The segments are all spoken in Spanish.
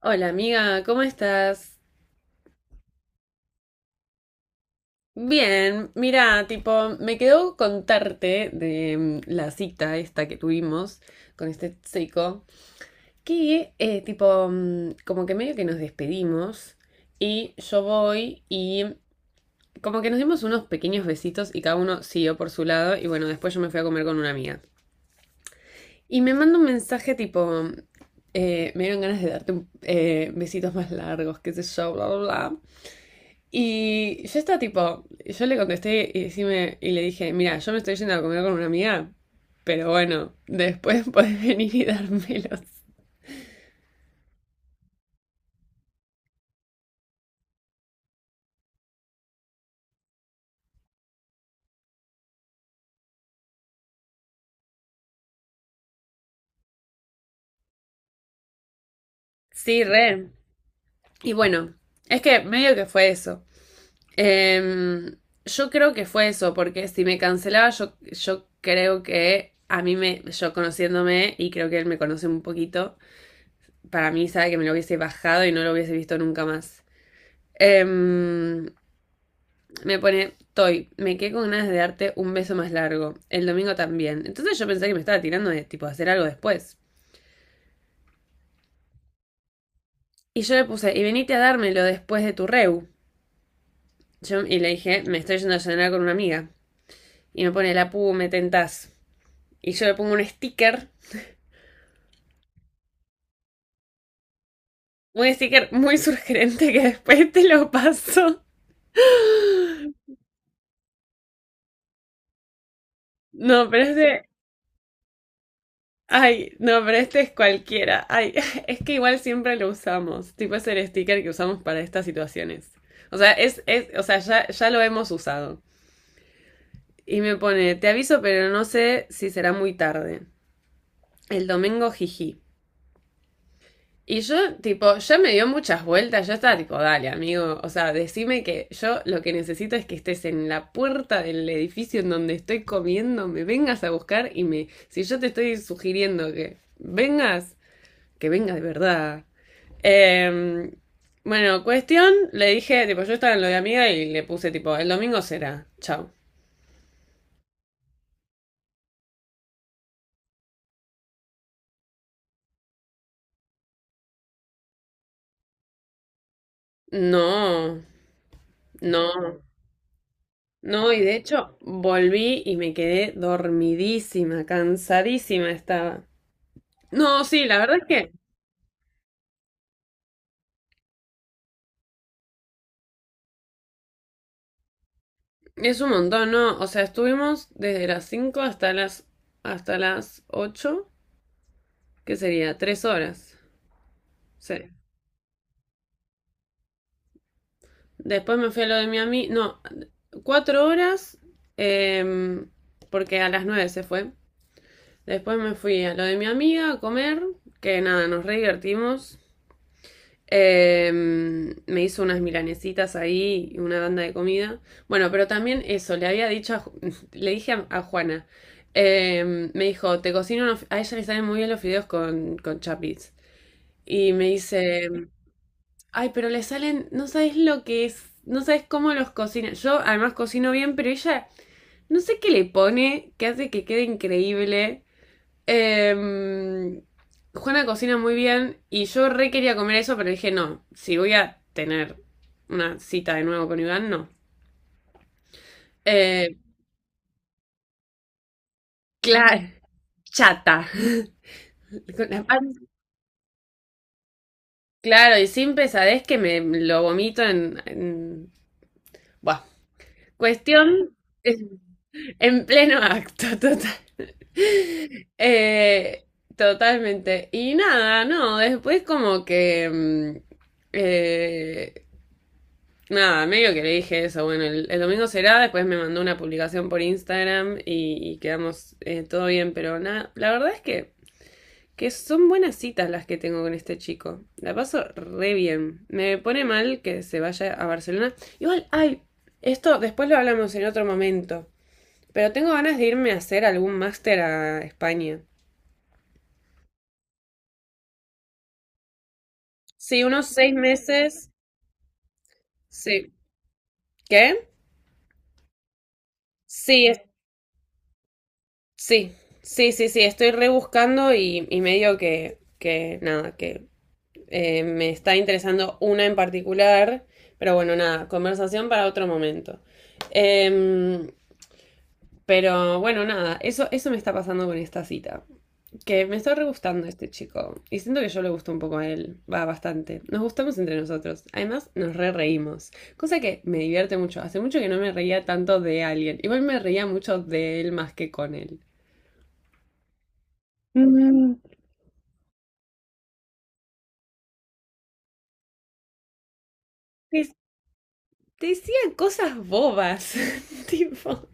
Hola amiga, ¿cómo estás? Bien, mira, tipo, me quedó contarte de la cita esta que tuvimos con este seco, que tipo, como que medio que nos despedimos y yo voy y como que nos dimos unos pequeños besitos y cada uno siguió por su lado y bueno, después yo me fui a comer con una amiga. Y me manda un mensaje tipo, me dieron ganas de besitos más largos, qué sé yo, bla, bla, bla. Y yo estaba tipo, yo le contesté y, decime- y le dije, mira, yo me estoy yendo a comer con una amiga, pero bueno, después podés venir y dármelos. Sí, re. Y bueno, es que medio que fue eso. Em, yo creo que fue eso, porque si me cancelaba, yo creo que a mí me, yo conociéndome, y creo que él me conoce un poquito, para mí sabe que me lo hubiese bajado y no lo hubiese visto nunca más. Em, Me pone, Toy, me quedé con ganas de darte un beso más largo. El domingo también. Entonces yo pensé que me estaba tirando de tipo hacer algo después. Y yo le puse, y venite a dármelo después de tu reu. Y le dije, me estoy yendo a cenar con una amiga. Y me pone, la pu, me tentás. Y yo le pongo un sticker muy surgente que después te lo paso. No, pero es de... Ay, no, pero este es cualquiera. Ay, es que igual siempre lo usamos. Tipo es el sticker que usamos para estas situaciones. O sea, o sea, ya lo hemos usado. Y me pone, te aviso, pero no sé si será muy tarde. El domingo, jiji. Y yo, tipo, ya me dio muchas vueltas. Yo estaba tipo, dale, amigo. O sea, decime que yo lo que necesito es que estés en la puerta del edificio en donde estoy comiendo, me vengas a buscar y me. Si yo te estoy sugiriendo que vengas, que venga de verdad. Eh, bueno, cuestión, le dije, tipo, yo estaba en lo de amiga y le puse, tipo, el domingo será, chao. No, no, no, y de hecho volví y me quedé dormidísima, cansadísima estaba. No, sí, la verdad es que es un montón, ¿no? O sea, estuvimos desde las 5 hasta las 8, que sería 3 horas. Sí. Después me fui a lo de Miami. No, 4 horas, em, porque a las 9 se fue. Después me fui a lo de mi amiga a comer, que nada, nos re divertimos. Me hizo unas milanesitas ahí y una banda de comida. Bueno, pero también eso, le había dicho a a Juana, me dijo, te cocino, a ella le salen muy bien los fideos con chapis. Y me dice, ay, pero le salen, no sabes lo que es, no sabes cómo los cocina. Yo además cocino bien, pero ella no sé qué le pone, que hace que quede increíble. Em, Juana cocina muy bien y yo re quería comer eso, pero dije, no, si voy a tener una cita de nuevo con Iván, no. Eh, claro, chata. Con la pan- Claro, y sin pesadez que me lo vomito en... Buah. Cuestión... En pleno acto, total. Eh, totalmente. Y nada, no, después como que... eh, nada, medio que le dije eso. Bueno, el domingo será, después me mandó una publicación por Instagram y quedamos todo bien, pero nada, la verdad es que son buenas citas las que tengo con este chico. La paso re bien. Me pone mal que se vaya a Barcelona. Igual, ay, esto después lo hablamos en otro momento. Pero tengo ganas de irme a hacer algún máster a España. Sí, unos 6 meses. Sí. ¿Qué? Sí, es- sí, sí, sí, sí. Estoy rebuscando y medio que nada, que me está interesando una en particular. Pero bueno, nada, conversación para otro momento. Em, pero bueno, nada, eso me está pasando con esta cita. Que me está re gustando este chico. Y siento que yo le gusto un poco a él. Va bastante. Nos gustamos entre nosotros. Además, nos re reímos. Cosa que me divierte mucho. Hace mucho que no me reía tanto de alguien. Igual me reía mucho de él más que con él. Mm, te, te decían cosas bobas. Tipo,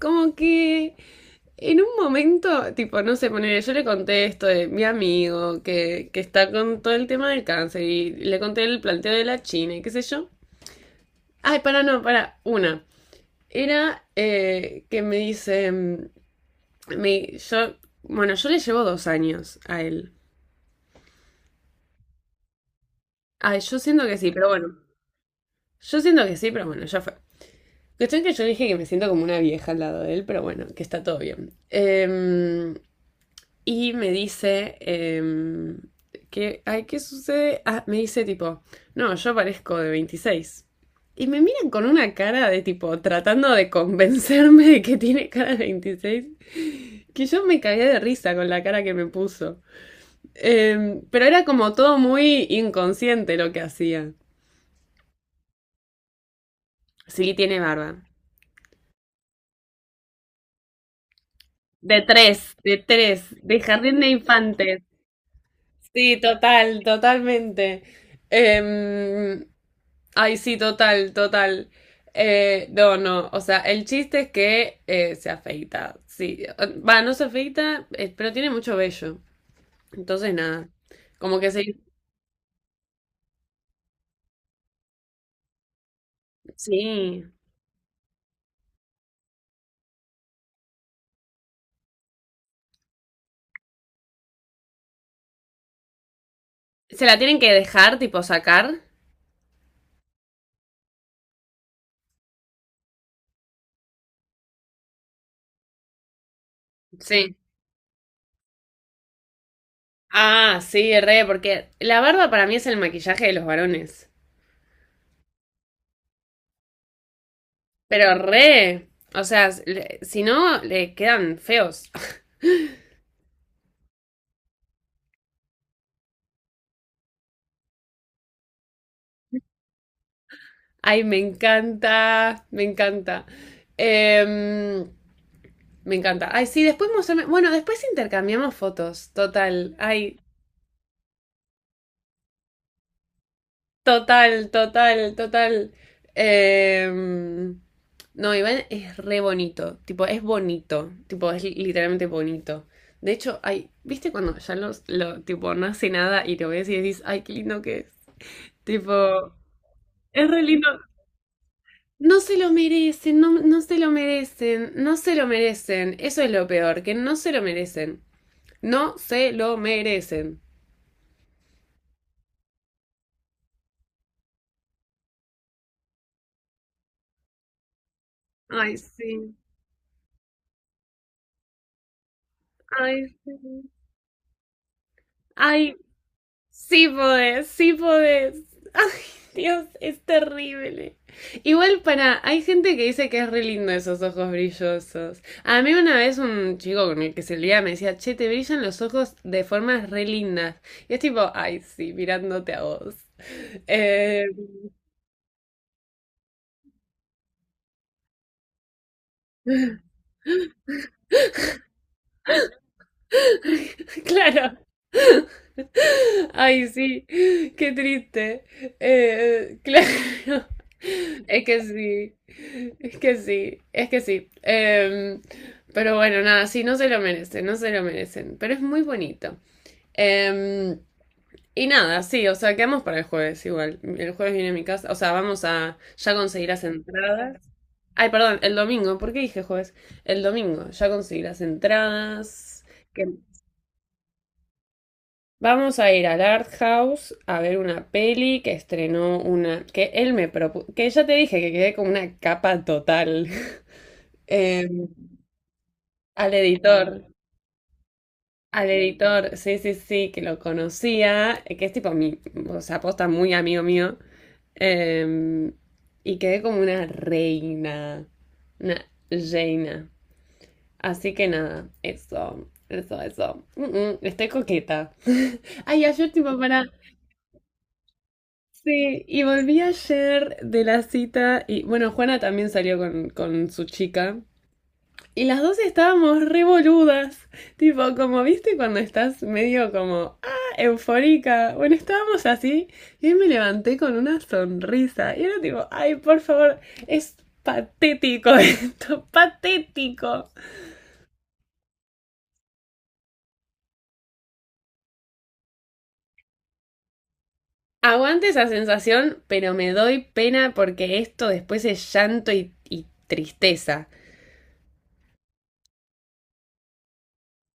como que en un momento, tipo, no sé, poner, yo le conté esto de mi amigo que está con todo el tema del cáncer y le conté el planteo de la China y qué sé yo. Ay, para, no, para, una. Era que me dice, me- yo, bueno, yo le llevo 2 años a él. Ay, yo siento que sí, pero bueno, yo siento que sí, pero bueno, ya fue. Cuestión que yo le dije que me siento como una vieja al lado de él, pero bueno, que está todo bien. Y me dice, que, ay, ¿qué sucede? Ah, me dice tipo, no, yo parezco de 26. Y me miran con una cara de tipo, tratando de convencerme de que tiene cara de 26. Que yo me cagué de risa con la cara que me puso. Pero era como todo muy inconsciente lo que hacía. Sí, tiene barba. De tres, de tres, de jardín de infantes. Sí, total, totalmente. Em, ay, sí, total, total. No, no, o sea, el chiste es que se afeita. Sí, va, no se afeita, pero tiene mucho vello. Entonces, nada, como que se... Sí, se la tienen que dejar, tipo sacar. Sí. Ah, sí, re, porque la barba para mí es el maquillaje de los varones. Pero re, o sea, si no, le quedan feos. Ay, me encanta, me encanta. Em, me encanta. Ay, sí, después mostrame... Bueno, después intercambiamos fotos, total. Ay. Total, total, total. Em, no, Iván es re bonito. Tipo, es bonito. Tipo, literalmente bonito. De hecho, ay, ¿viste cuando ya tipo, no hace nada y te ves y decís, ay, qué lindo que es? Tipo, es re lindo. No se lo merecen, no se lo merecen, no se lo merecen. Eso es lo peor, que no se lo merecen. No se lo merecen. Ay, sí. Ay, sí. Ay, sí podés, sí podés. Ay, Dios, es terrible. Igual para, hay gente que dice que es re lindo esos ojos brillosos. A mí una vez un chico con el que se liaba me decía, che, te brillan los ojos de formas re lindas. Y es tipo, ay, sí, mirándote a vos. Eh, claro. Ay, sí, qué triste. Claro, es que sí, es que sí, es que sí. Pero bueno, nada, sí, no se lo merecen, no se lo merecen, pero es muy bonito. Em, y nada, sí, o sea, quedamos para el jueves igual. El jueves viene a mi casa, o sea, vamos a ya conseguir las entradas. Ay, perdón, el domingo, ¿por qué dije jueves? El domingo, ya conseguí las entradas. Vamos a ir al Art House a ver una peli que estrenó una, que él me propuso, que ya te dije que quedé con una capa total. Eh, al editor, al editor, sí, sí, sí, que lo conocía, que es tipo mi, o sea, posta muy amigo mío. Eh, y quedé como una reina, una reina. Así que nada, eso, eso, eso. Estoy coqueta. Ay, ayer tipo, para... Sí, y volví ayer de la cita y bueno, Juana también salió con su chica y las dos estábamos re boludas, tipo como viste cuando estás medio como, ah, eufórica, bueno, estábamos así y ahí me levanté con una sonrisa y era tipo, ay, por favor, es patético esto, patético. Aguante esa sensación, pero me doy pena porque esto después es llanto y tristeza.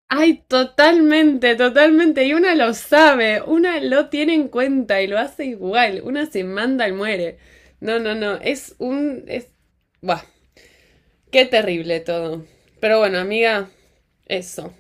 Ay, totalmente, totalmente. Y una lo sabe, una lo tiene en cuenta y lo hace igual. Una se manda y muere. No, no, no. Es un... Es... Buah, qué terrible todo. Pero bueno, amiga, eso.